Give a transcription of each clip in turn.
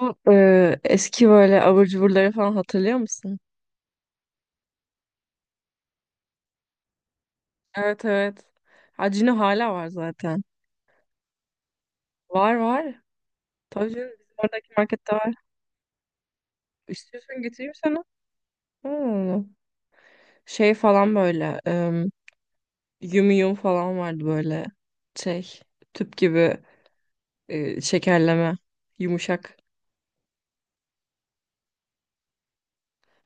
Bu, eski böyle abur cuburları falan hatırlıyor musun? Evet, evet. Hacino hala var zaten. Var, var. Tabii canım, bizim oradaki markette var. İstiyorsan getireyim sana. Hmm. Şey falan böyle. Yum yum falan vardı böyle. Şey, tüp gibi şekerleme. Yumuşak.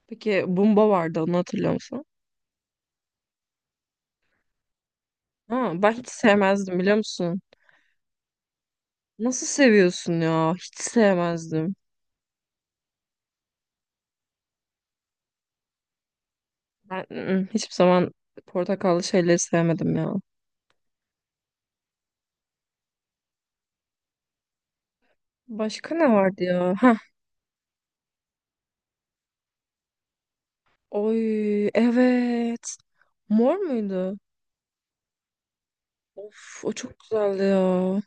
Peki bumba vardı, onu hatırlıyor musun? Ha, ben hiç sevmezdim, biliyor musun? Nasıl seviyorsun ya? Hiç sevmezdim. Hiçbir zaman portakallı şeyleri sevmedim ya. Başka ne vardı ya? Ha, oy evet. Mor muydu? Of, o çok güzeldi ya.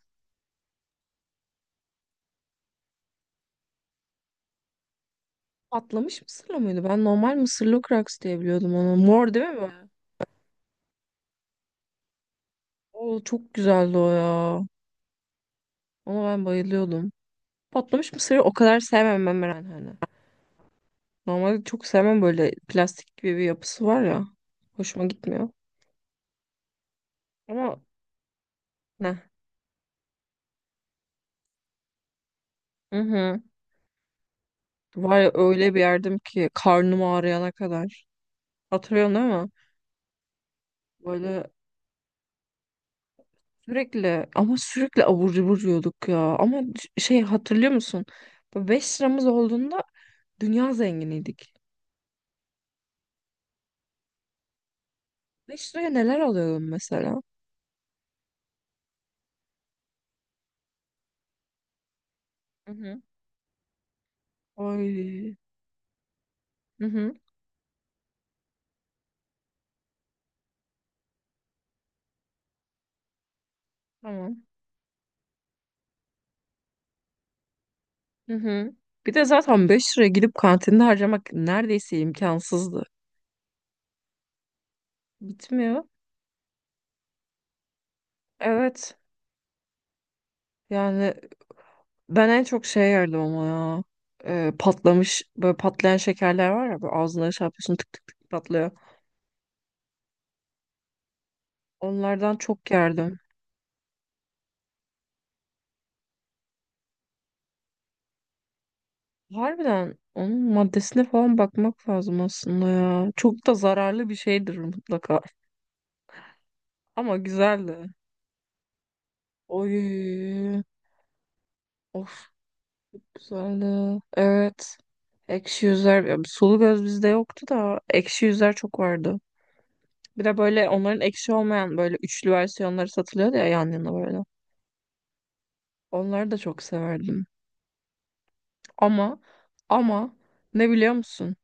Patlamış mısırlı mıydı? Ben normal mısırlı kraks diye biliyordum onu. Mor değil mi? O çok güzeldi o ya. Ona ben bayılıyordum. Patlamış mısırı o kadar sevmem ben, Meren, hani. Normalde çok sevmem, böyle plastik gibi bir yapısı var ya. Hoşuma gitmiyor. Ama ne? Hı hı. Var ya, öyle bir yerdim ki karnım ağrıyana kadar. Hatırlıyorsun değil mi? Böyle sürekli ama sürekli abur cubur yiyorduk ya. Şey hatırlıyor musun? Beş liramız olduğunda dünya zenginiydik. Beş liraya neler alıyordum mesela? Hı hı. Ay. Hı hı. Tamam. Hı hı. Bir de zaten 5 liraya gidip kantinde harcamak neredeyse imkansızdı. Bitmiyor. Evet. Yani, ben en çok şey yerdim ama ya. Patlamış, böyle patlayan şekerler var ya, böyle ağzına şey yapıyorsun, tık tık tık patlıyor. Onlardan çok yerdim. Harbiden onun maddesine falan bakmak lazım aslında ya. Çok da zararlı bir şeydir mutlaka. Ama güzeldi. Oy. Of, güzeldi. Evet. Ekşi yüzler. Ya, sulu göz bizde yoktu da ekşi yüzler çok vardı. Bir de böyle onların ekşi olmayan böyle üçlü versiyonları satılıyordu ya, yan yana böyle. Onları da çok severdim. Ama ama ne biliyor musun?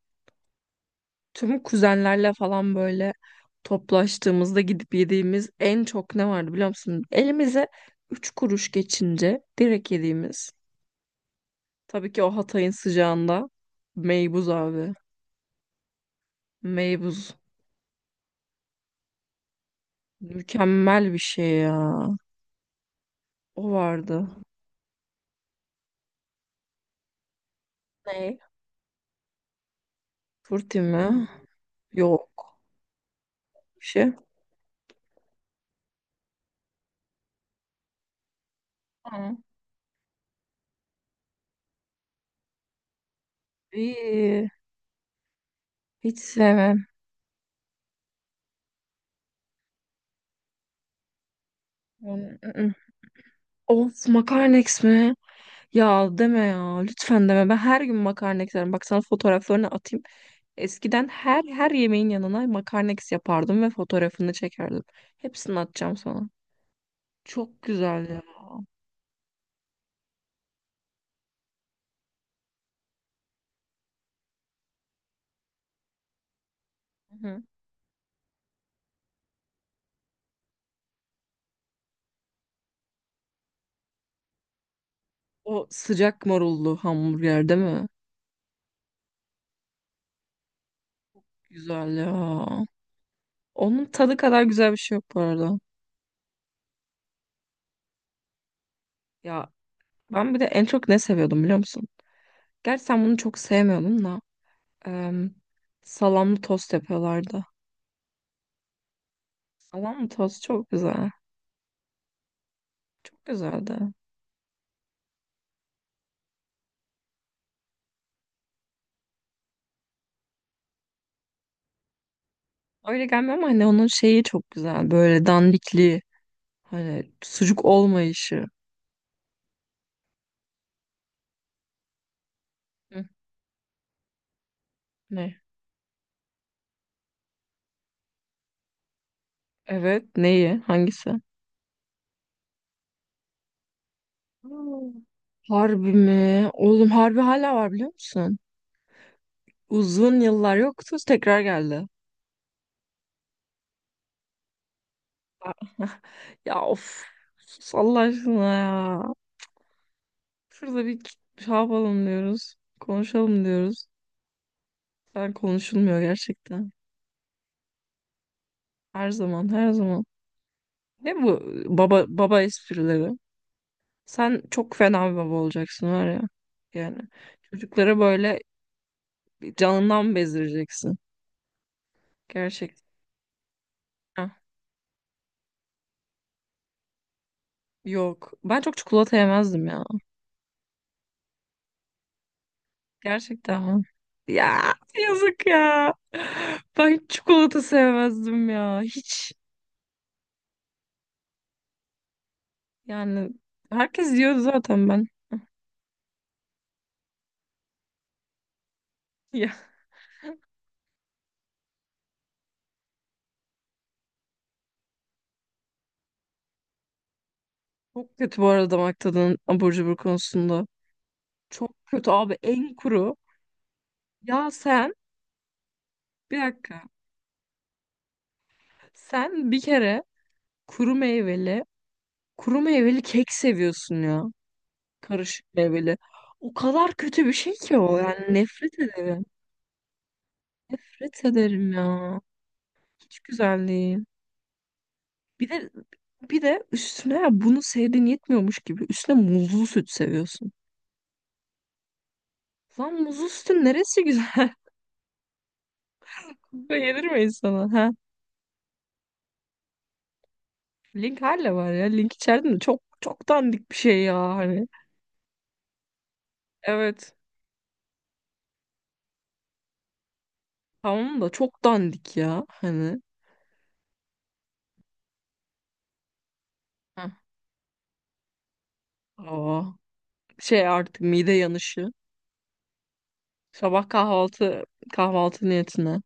Tüm kuzenlerle falan böyle toplaştığımızda gidip yediğimiz en çok ne vardı biliyor musun? Elimize üç kuruş geçince direkt yediğimiz. Tabii ki o Hatay'ın sıcağında meybuz abi. Meybuz. Mükemmel bir şey ya. O vardı. Ne? Turti mi? Yok. Bir şey. Ha. İyi. Hiç sevmem. Onu- ı-ı. Of, makarnex mi? Ya deme ya. Lütfen deme. Ben her gün makarna isterim. Bak, sana fotoğraflarını atayım. Eskiden her yemeğin yanına makarna eks yapardım ve fotoğrafını çekerdim. Hepsini atacağım sana. Çok güzel ya. Hı. O sıcak marullu hamburger değil mi? Güzel ya. Onun tadı kadar güzel bir şey yok bu arada. Ya, ben bir de en çok ne seviyordum biliyor musun? Gerçi sen bunu çok sevmiyordun da. em, Salamlı tost yapıyorlardı. Salamlı tost çok güzel. Çok güzeldi. Öyle gelmiyor ama hani onun şeyi çok güzel. Böyle dandikliği. Hani sucuk olmayışı. Hı, ne? Evet. Neyi? Hangisi? Hmm. Harbi mi? Oğlum, harbi hala var, biliyor musun? Uzun yıllar yoktu. Tekrar geldi. Ya, of. Sus Allah aşkına ya. Şurada bir şey yapalım diyoruz. Konuşalım diyoruz. Sen, konuşulmuyor gerçekten. Her zaman, her zaman. Ne bu baba esprileri? Sen çok fena bir baba olacaksın var ya. Yani, çocuklara böyle canından bezdireceksin. Gerçekten. Heh, yok. Ben çok çikolata yemezdim ya. Gerçekten mi? Ya, yazık ya. Ben hiç çikolata sevmezdim ya. Hiç. Yani, herkes diyordu zaten ben. Ya, çok kötü bu arada damak tadının abur cubur konusunda. Çok kötü abi, en kuru. Ya sen, bir dakika. Sen bir kere kuru meyveli, kuru meyveli kek seviyorsun ya. Karışık meyveli. O kadar kötü bir şey ki o. Yani nefret ederim. Nefret ederim ya. Hiç güzel değil. Bir de bir de üstüne bunu sevdiğin yetmiyormuş gibi üstüne muzlu süt seviyorsun. Lan, muzlu sütün neresi güzel? Böyle yenir mi insana? Ha? Link hala var ya. Link içeride de çok çok dandik bir şey ya hani. Evet. Tamam da çok dandik ya hani. Heh. Aa, şey, artık mide yanışı. Sabah kahvaltı niyetine.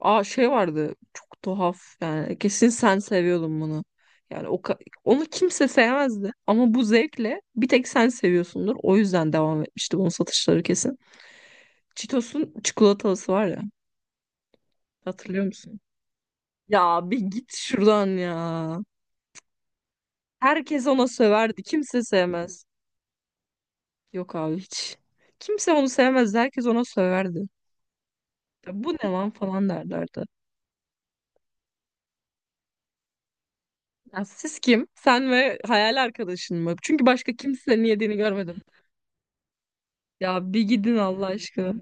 Aa, şey vardı, çok tuhaf, yani kesin sen seviyordun bunu. Yani o ka- Onu kimse sevmezdi ama bu zevkle bir tek sen seviyorsundur. O yüzden devam etmişti bunun satışları kesin. Cheetos'un çikolatalısı var ya, hatırlıyor musun? Ya bir git şuradan ya. Herkes ona söverdi, kimse sevmez. Yok abi, hiç. Kimse onu sevmezdi, herkes ona söverdi. Ya, bu ne lan, falan derlerdi. Ya, siz kim? Sen ve hayal arkadaşın mı? Çünkü başka kimsenin yediğini görmedim. Ya bir gidin Allah aşkına.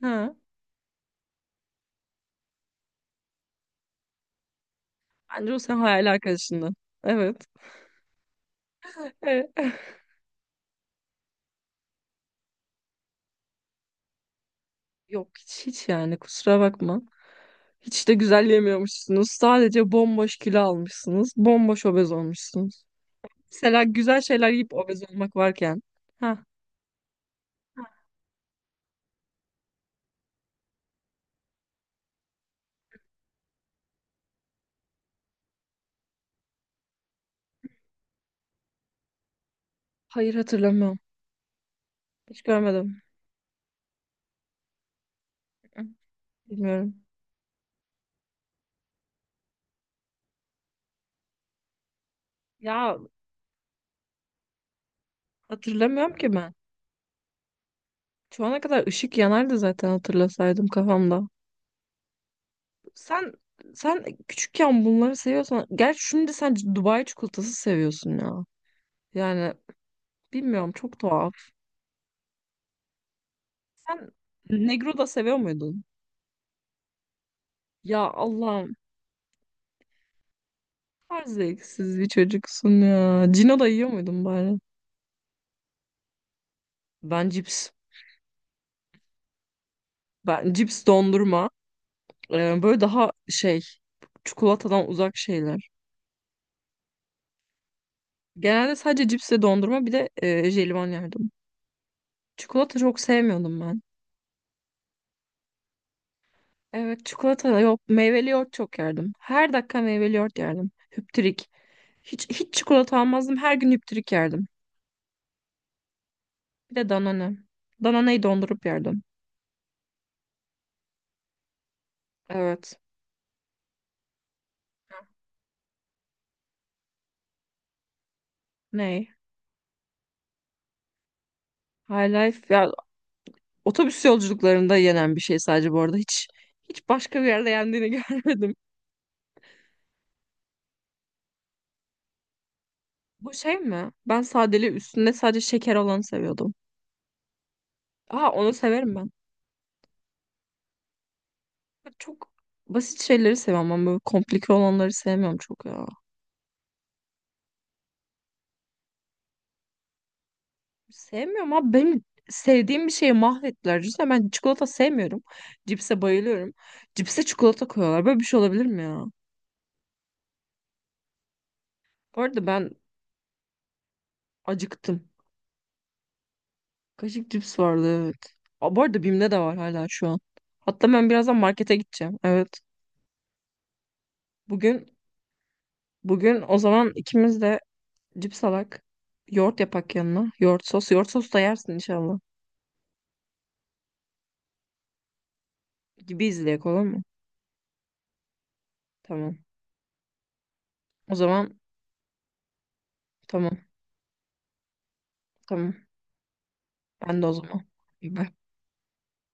Ha. Bence o senin hayal arkadaşındı. Evet. Evet. Yok, hiç hiç yani, kusura bakma. Hiç de güzel yemiyormuşsunuz. Sadece bomboş kilo almışsınız. Bomboş obez olmuşsunuz. Mesela güzel şeyler yiyip obez olmak varken. Ha. Hayır, hatırlamıyorum. Hiç görmedim. Bilmiyorum. Ya, hatırlamıyorum ki ben. Şu ana kadar ışık yanardı zaten, hatırlasaydım kafamda. Sen sen küçükken bunları seviyorsan, gerçi şimdi sen Dubai çikolatası seviyorsun ya. Yani bilmiyorum, çok tuhaf. Sen Negro da seviyor muydun? Ya, Allah'ım. Her zevksiz bir çocuksun ya. Cino da yiyor muydun bari? Ben cips. Ben cips, dondurma. Böyle daha şey, çikolatadan uzak şeyler. Genelde sadece cips ve dondurma, bir de jelibon yerdim. Çikolata çok sevmiyordum ben. Evet, çikolata yok, meyveli yoğurt çok yerdim. Her dakika meyveli yoğurt yerdim. Hüptürik. Hiç hiç çikolata almazdım. Her gün hüptürik yerdim. Bir de Danone. Danone'yi dondurup yerdim. Evet. Ney? High Life ya, otobüs yolculuklarında yenen bir şey sadece bu arada. Hiç hiç başka bir yerde yendiğini görmedim. Bu şey mi? Ben sadeli, üstünde sadece şeker olanı seviyordum. Aa, onu severim ben. Çok basit şeyleri seviyorum ama böyle komplike olanları sevmiyorum çok ya. Sevmiyorum abi. Benim sevdiğim bir şeyi mahvettiler. Düşünsene, ben çikolata sevmiyorum. Cipse bayılıyorum. Cipse çikolata koyuyorlar. Böyle bir şey olabilir mi ya? Bu arada ben acıktım. Kaşık cips vardı, evet. Aa, bu arada Bim'de de var hala şu an. Hatta ben birazdan markete gideceğim. Evet. Bugün bugün o zaman ikimiz de cips alak. Yoğurt yapak yanına. Yoğurt sos. Yoğurt sos da yersin inşallah. Gibi izleyek olur mu? Tamam. O zaman tamam. Tamam. Ben de o zaman. Bye.